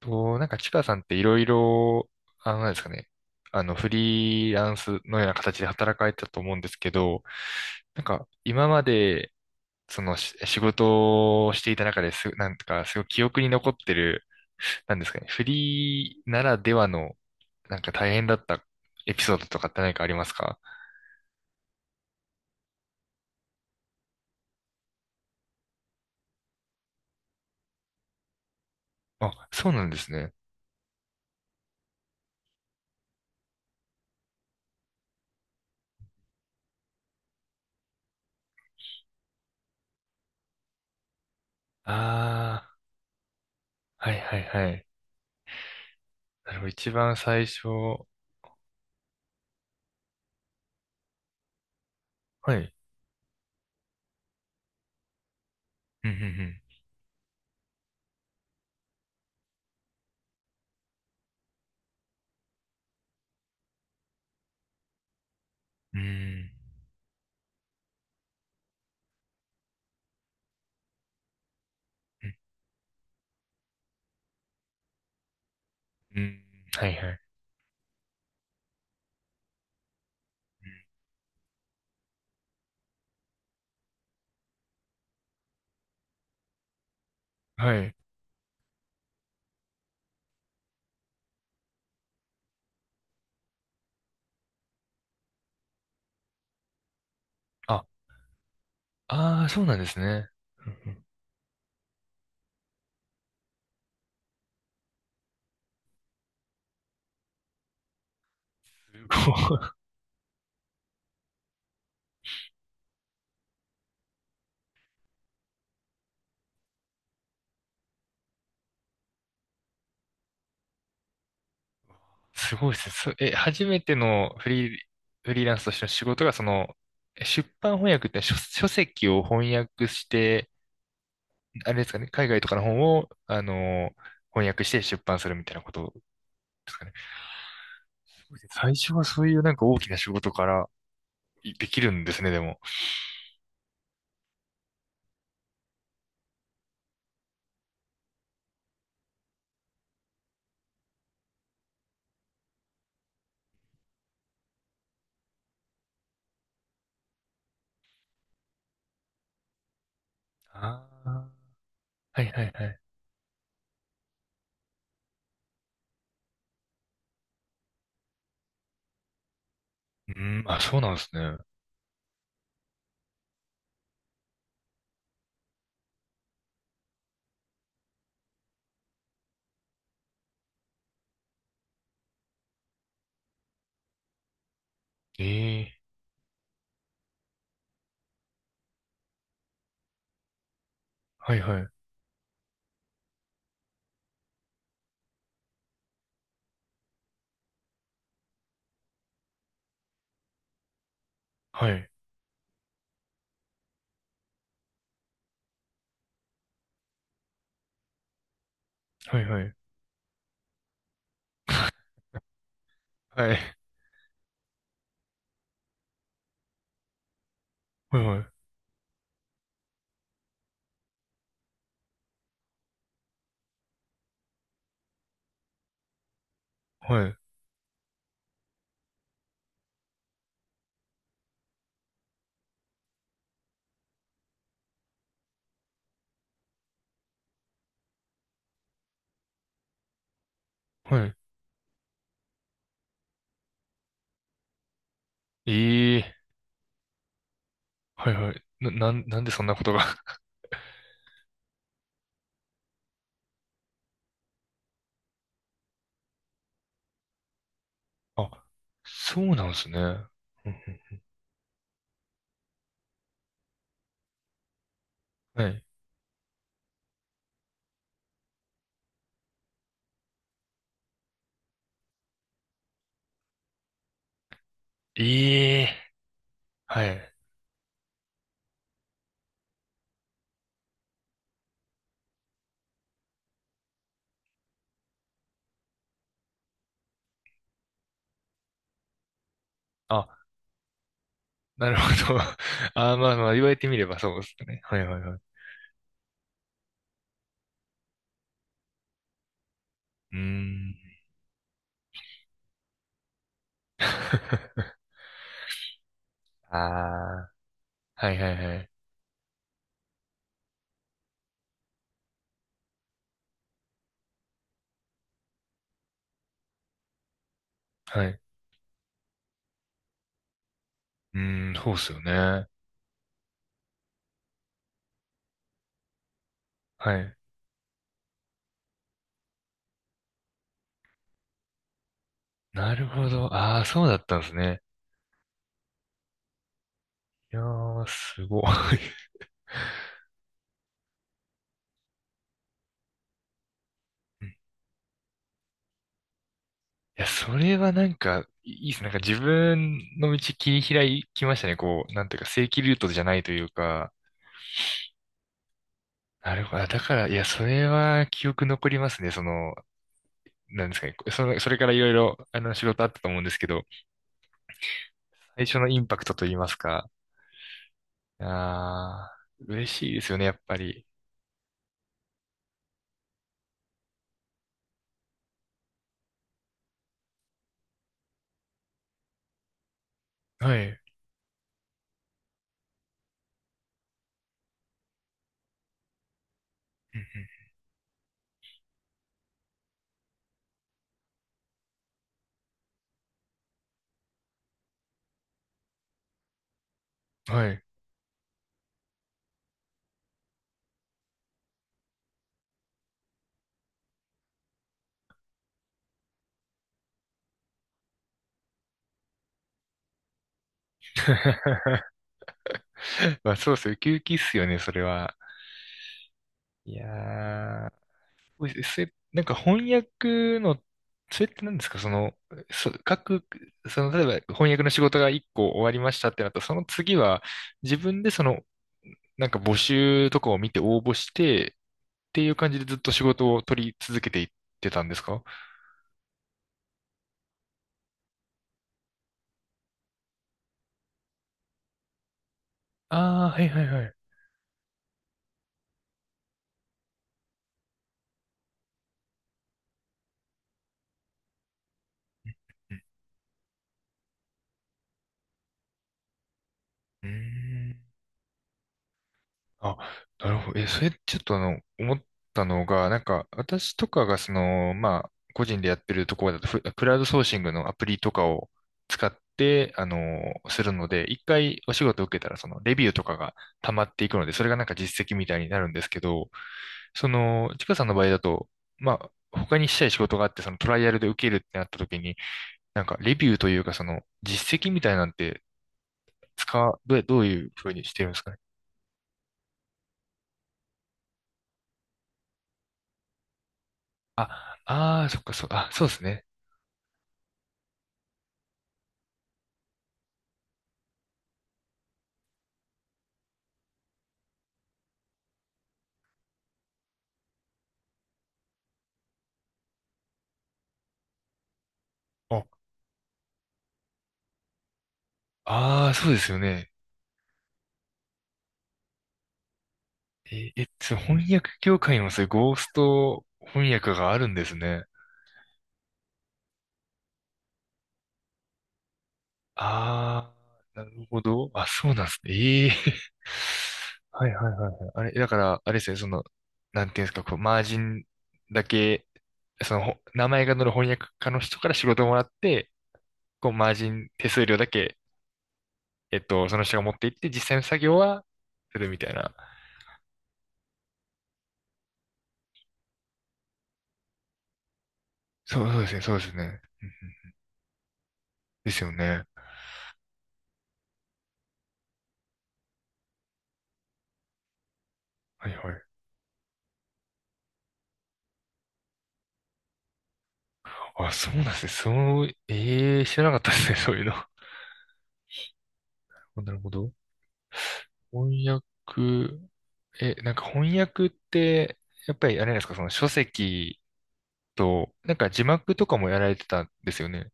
と、なんか、ちかさんっていろいろ、なんですかね、フリーランスのような形で働かれてたと思うんですけど、なんか、今まで、仕事をしていた中です、なんか、すごい記憶に残ってる、なんですかね、フリーならではの、なんか大変だったエピソードとかって何かありますか？あ、そうなんですね。ああ、はいはいはい。なるほど、一番最初、はい。うん、うん、うん。うーん、うん、うん、はいはい。はい。あ、ああ、そうなんですね。うんうん、すごい、すごいですね。初めてのフリー、フリーランスとしての仕事が、出版翻訳って書籍を翻訳して、あれですかね、海外とかの本を、翻訳して出版するみたいなことですかね。すごいですね。最初はそういうなんか大きな仕事からできるんですね、でも。ああ、はいはいはい。うん、あ、そうなんですね。ええ、はいはい。はい、はいはい。はい、はいはい。はい。はい。ええ、はいはい。なんでそんなことが？ あ、そうなんですね。うんうん、はい。ええ、はい。あ、なるほど。あ、まあまあ、言われてみればそうですね。はいはいはい。うーん。ああ、はいはいはい。はい。うーん、そうっすよね。はい。なるほど。ああ、そうだったんですね。いやー、すごい。いや、それはなんか、いっす。なんか自分の道切り開きましたね。こう、なんていうか、正規ルートじゃないというか。なるほど。あ、だから、いや、それは記憶残りますね。その、なんですかね。その、それからいろいろ、仕事あったと思うんですけど、最初のインパクトと言いますか。ああ、嬉しいですよね、やっぱり。はい。うんうん、はい。まあ、そうですよ。ウキウキっすよね、それは。いやー、お、う、それ、なんか翻訳の、それって何ですか、その、そ、各、その、例えば翻訳の仕事が1個終わりましたってなったら、その次は自分でその、なんか募集とかを見て応募してっていう感じでずっと仕事を取り続けていってたんですか？ああー、はいはいはい。うん、うーん。あ、なるほど。え、それちょっと思ったのが、なんか、私とかがその、まあ、個人でやってるところだと、クラウドソーシングのアプリとかを使って、するので、一回お仕事を受けたら、その、レビューとかが溜まっていくので、それがなんか実績みたいになるんですけど、その、ちかさんの場合だと、まあ、他にしたい仕事があって、そのトライアルで受けるってなった時に、なんか、レビューというか、その、実績みたいなんて、使う、どう、どういうふうにしてるんですかね。あ、ああ、そっか、そう、あ、そうですね。あ、ああ、そうですよね。え、その翻訳業界にもそういうゴースト翻訳があるんですね。ああ、なるほど。あ、そうなんですね。ええ、 はいはいはいはい。あれ、だから、あれですね、その、なんていうんですか、こう、マージンだけ、その、名前が載る翻訳家の人から仕事をもらって、こう、マージン手数料だけ、その人が持って行って、実際の作業はするみたいな。そう、そうですね、そうですね。うんうん、ですよね。はいはい。あ、そうなんですね。そう、ええ、知らなかったですね、そういうの。なるほど。翻訳、え、なんか翻訳って、やっぱりあれなんですか、その書籍と、なんか字幕とかもやられてたんですよね。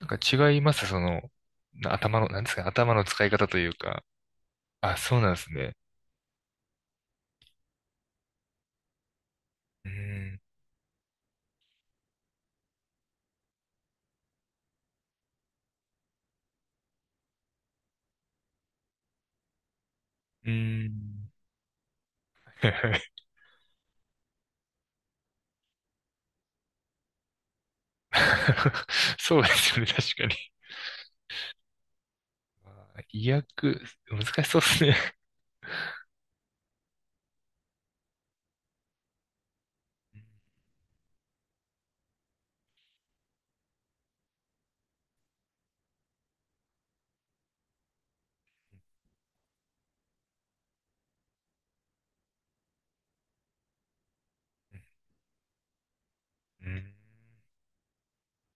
なんか違います、その、頭の、なんですかね、頭の使い方というか。あ、そうなんですね。うーん、うーん。そうですよね、確かに。あ、意訳、難しそうですね。うん